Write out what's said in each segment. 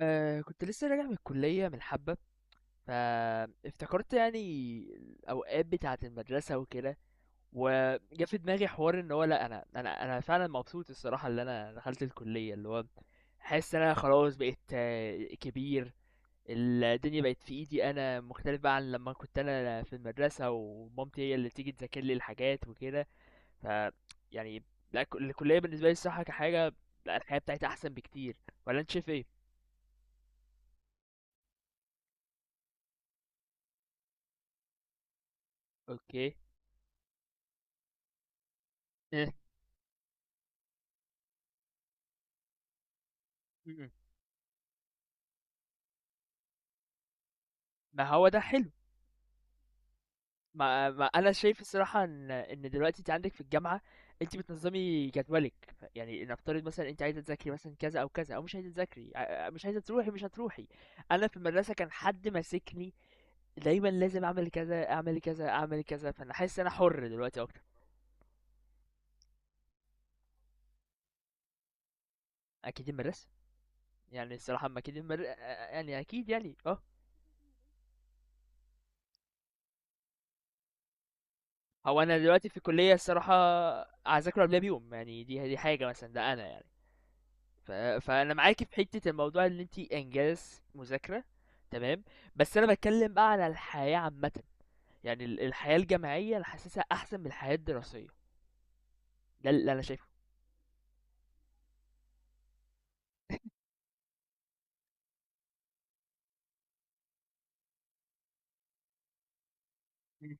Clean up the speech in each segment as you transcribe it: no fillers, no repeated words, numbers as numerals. كنت لسه راجع من الكلية من حبة، فافتكرت يعني الأوقات بتاعة المدرسة وكده. وجا في دماغي حوار ان هو لا انا فعلا مبسوط الصراحة اللي انا دخلت الكلية، اللي هو حاسس ان انا خلاص بقيت كبير. الدنيا بقت في ايدي، انا مختلف بقى عن لما كنت انا في المدرسة ومامتي هي اللي تيجي تذاكر لي الحاجات وكده. ف يعني، لا الكلية بالنسبة لي الصراحة كحاجة، لا الحياة بتاعتي احسن بكتير. ولا انت شايف ايه؟ اوكي. إيه. ما هو ده حلو. ما انا شايف الصراحه ان دلوقتي انت عندك في الجامعه، انت بتنظمي جدولك. يعني نفترض مثلا انت عايزه تذاكري مثلا كذا او كذا، او مش عايزه تذاكري، مش عايزه تروحي، مش هتروحي. انا في المدرسه كان حد ماسكني، دايما لازم اعمل كذا اعمل كذا اعمل كذا، فانا حاسس انا حر دلوقتي اكتر. اكيد المدرسه. يعني الصراحه ما اكيد يعني اكيد يعني اه هو انا دلوقتي في الكليه الصراحه، هذاكره قبلها بيوم. يعني دي حاجه مثلا، ده انا يعني. ف... فانا معاكي في حته الموضوع ان انت انجاز مذاكره، تمام. بس انا بتكلم بقى على الحياه عامه، يعني الحياه الجامعيه انا حاسسها احسن من الحياه الدراسيه. ده اللي انا شايفه. مم.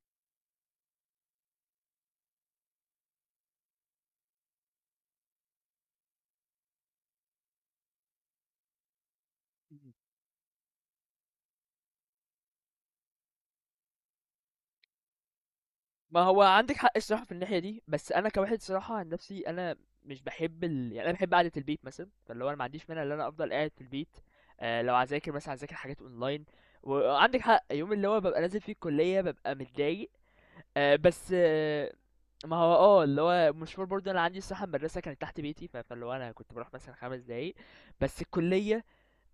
ما هو عندك حق الصراحه في الناحيه دي، بس انا كواحد صراحه عن نفسي، انا مش بحب يعني انا بحب قعده البيت مثلا، فاللي هو انا ما عنديش مانع ان انا افضل قاعد في البيت. لو هذاكر مثلا هذاكر حاجات اونلاين. وعندك حق، يوم اللي هو ببقى نازل فيه الكليه ببقى متضايق. بس. ما هو اللي هو مشوار برضه، انا عندي الصراحه المدرسه كانت تحت بيتي، فاللي هو انا كنت بروح مثلا 5 دقايق. بس الكليه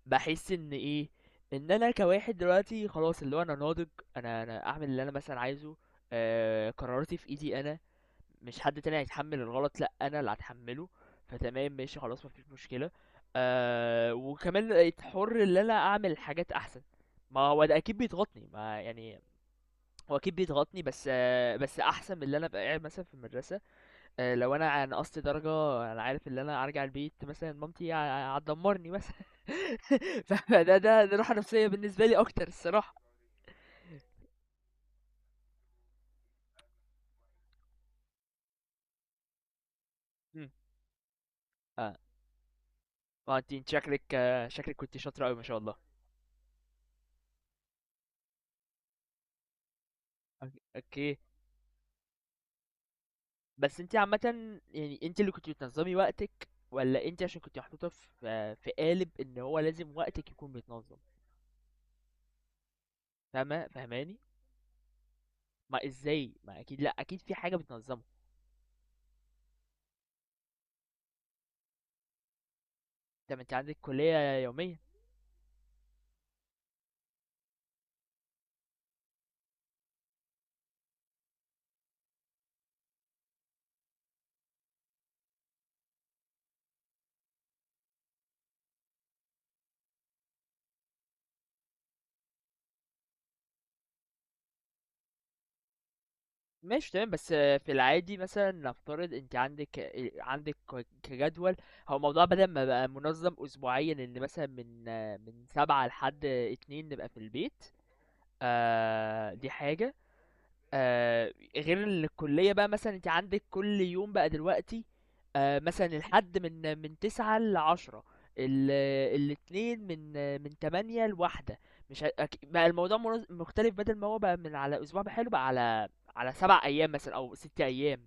بحس ان ايه، ان انا كواحد دلوقتي خلاص اللي هو انا ناضج. انا اعمل اللي انا مثلا عايزه. قراراتي في ايدي انا، مش حد تاني هيتحمل الغلط، لا انا اللي هتحمله. فتمام، ماشي، خلاص، مفيش مشكله. وكمان بقيت حر ان انا اعمل حاجات احسن. ما هو ده اكيد بيضغطني، ما يعني. هو اكيد بيضغطني، بس بس احسن من اللي انا ابقى قاعد مثلا في المدرسه. لو انا عن قصت درجه، انا عارف ان انا ارجع البيت مثلا مامتي هتدمرني مثلا. فده ده ده راحه نفسيه بالنسبه لي اكتر الصراحه. مم. اه. ما انت شكلك كنت شاطره قوي، ما شاء الله. أوك- اوكي. بس انت عامه، يعني انت اللي كنت بتنظمي وقتك، ولا انت عشان كنت محطوطه في في قالب ان هو لازم وقتك يكون متنظم؟ فاهمه فاهماني؟ ما ازاي، ما اكيد، لا اكيد في حاجه بتنظمه. طب انت عندك كليه يوميه؟ ماشي تمام، بس في العادي مثلا نفترض انت عندك كجدول. هو الموضوع بدل ما بقى منظم اسبوعيا، ان مثلا من سبعة لحد اتنين نبقى في البيت. دي حاجة. غير الكلية بقى مثلا انت عندك كل يوم بقى دلوقتي، مثلا الحد من تسعة لعشرة، ال- الاتنين من تمانية لواحدة. مش ه- أك- بقى الموضوع مختلف، بدل ما هو بقى من على اسبوع بحاله بقى على 7 ايام مثلا او 6 ايام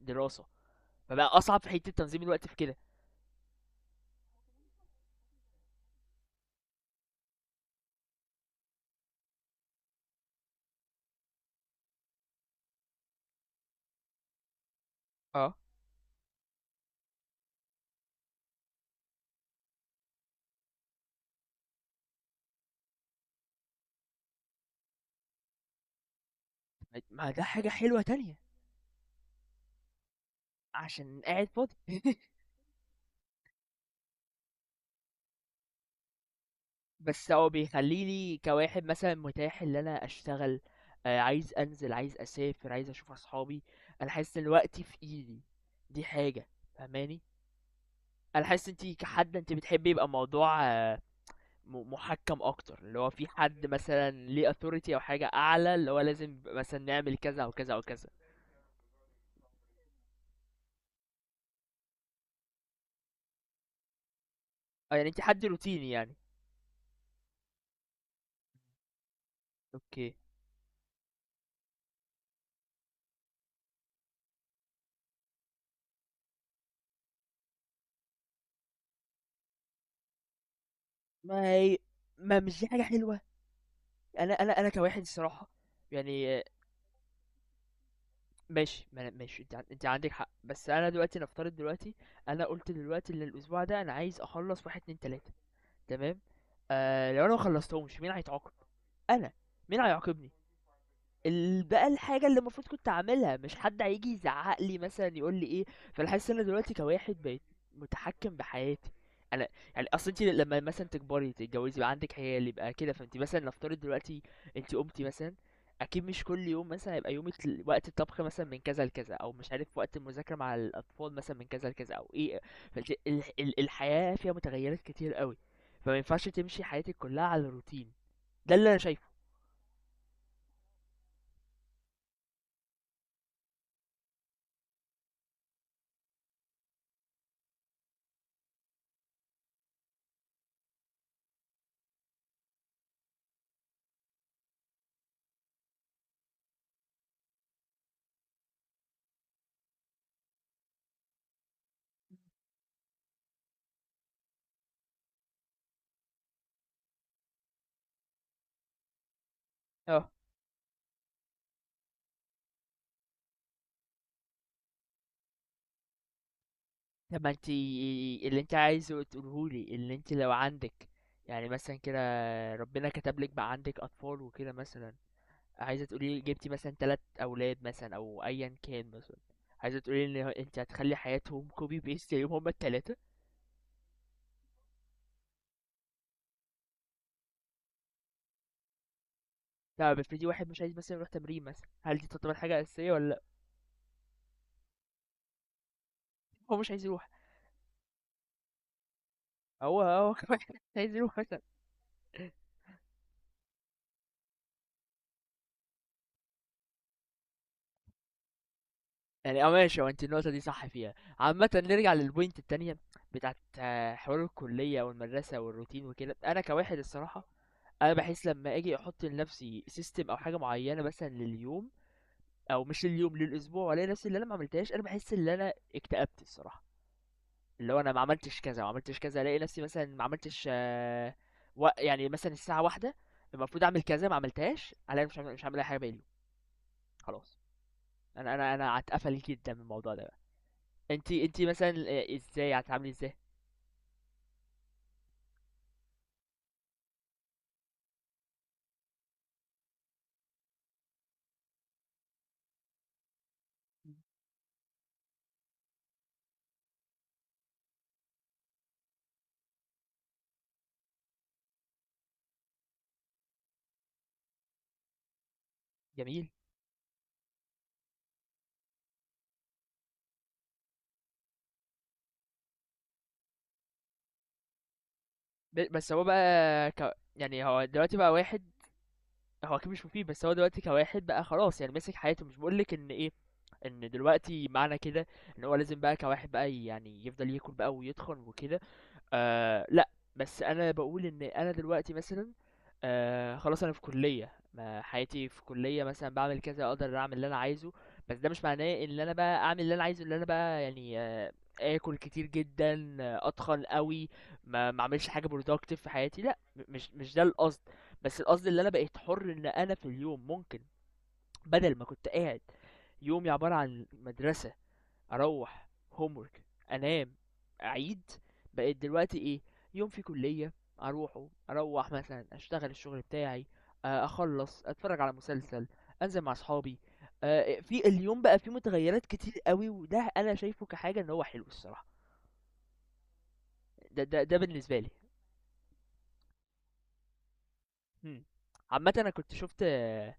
دراسة. فبقى اصعب في حتة تنظيم الوقت في كده. اه، ما ده حاجة حلوة تانية. عشان قاعد فاضي. بس هو بيخلّي لي كواحد مثلًا متاح اللي أنا أشتغل، عايز أنزل، عايز أسافر، عايز أشوف أصحابي، أنا حاسس إن وقتي في إيدي، دي حاجة، فاهماني؟ أنا حاسس أنتِ كحد أنتِ بتحبي يبقى الموضوع مُحكّم أكتر، اللي هو في حد مثلًا ليه authority أو حاجة أعلى، اللي هو لازم مثلًا نعمل كذا أو كذا أو كذا. يعني أنتِ حد روتيني يعني؟ أوكي. ما هي، ما مش دي حاجة حلوة؟ أنا كواحد الصراحة، يعني ماشي، ما أنا- ماشي انت انت عندك حق، بس انا دلوقتي نفترض دلوقتي. انا قلت دلوقتي ان الاسبوع ده انا عايز اخلص واحد اتنين تلاتة. تمام. لو انا مخلصتهمش مين هيتعاقب؟ انا. مين هيعاقبني؟ بقى الحاجة اللي المفروض كنت اعملها، مش حد هيجي يزعق لي مثلا يقول لي ايه. فانا حاسس ان انا دلوقتي كواحد بقيت متحكم بحياتي، انا. يعني اصل انت لما مثلا تكبري تتجوزي يبقى عندك عيال يبقى كده، فانت مثلا نفترض دلوقتي انت قمتي مثلا، اكيد مش كل يوم مثلا هيبقى يومك وقت الطبخ مثلا من كذا لكذا، او مش عارف وقت المذاكرة مع الاطفال مثلا من كذا لكذا، او ايه. فانت الحياة فيها متغيرات كتير قوي، فما ينفعش تمشي حياتك كلها على الروتين. ده اللي انا شايفه. اه. طب ما أنتِ اللي أنتِ عايزه تقوله لي، اللي أنتِ لو عندِك يعني مثلًا كده، ربنا كتب لِك بقى عندِك أطفال وكده مثلًا، عايزة تقولي لي جبتِ مثلًا 3 أولاد مثلًا أو أيًا كان مثلًا، عايزة تقولي لي إن أنتِ هتخلّي حياتهم copy paste زيهم هُم ال3؟ طب افرضي واحد مش عايز مثلًا يروح تمرين مثلًا، هل دي تعتبر حاجة أساسية والّا لأ؟ هو مش عايز يروح. هو مش عايز يروح مثلًا. يعني ماشي، هو انت النقطة دي صح فيها عامة، نرجع للبوينت التانية بتاعت حوار الكلية والمدرسة والروتين وكده. أنا كواحد الصراحة، أنا بحس لما أجي أحط لنفسي سيستم أو حاجة معينة مثلا لليوم، أو مش لليوم للأسبوع، وألاقي نفسي اللي أنا ما عملتهاش، أنا بحس إن أنا اكتئبت الصراحة. اللي هو أنا ما عملتش كذا وما عملتش كذا، ألاقي نفسي مثلا ما عملتش يعني مثلا الساعة واحدة المفروض أعمل كذا ما عملتهاش، ألاقي مش عامل أي حاجة باقي اليوم. خلاص. أنا هتقفل جدا من الموضوع ده. انت مثلا ازاي يعني هتتعاملي ازاي؟ جميل. بس هو بقى يعني هو دلوقتي بقى واحد. هو اكيد مش مفيد، بس هو دلوقتي كواحد بقى خلاص، يعني ماسك حياته. مش بقولك ان ايه، ان دلوقتي معنى كده، ان هو لازم بقى كواحد بقى يعني يفضل ياكل بقى ويتخن وكده. آه لا، بس انا بقول ان انا دلوقتي مثلا خلاص، انا في كلية، ما حياتي في كلية مثلا بعمل كذا، اقدر اعمل اللي انا عايزه. بس ده مش معناه ان انا بقى اعمل اللي انا عايزه، اللي انا بقى يعني اكل كتير جدا، اتخن قوي، ما اعملش حاجه productive في حياتي. لا، مش ده القصد. بس القصد اللي انا بقيت حر ان انا في اليوم ممكن، بدل ما كنت قاعد يومي عباره عن مدرسه، اروح homework انام اعيد، بقيت دلوقتي ايه؟ يوم في كليه، اروح مثلا اشتغل الشغل بتاعي، اخلص اتفرج على مسلسل، انزل مع اصحابي. في اليوم بقى فيه متغيرات كتير قوي، وده انا شايفه كحاجه ان هو حلو الصراحه. ده بالنسبه لي. مم. عامه انا كنت شفت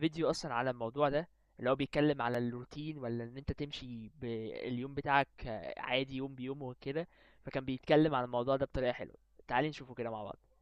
فيديو اصلا على الموضوع ده، اللي هو بيتكلم على الروتين ولا ان انت تمشي باليوم بتاعك عادي، يوم بيوم وكده. فكان بيتكلم عن الموضوع ده بطريقه حلوه، تعالي نشوفه كده مع بعض.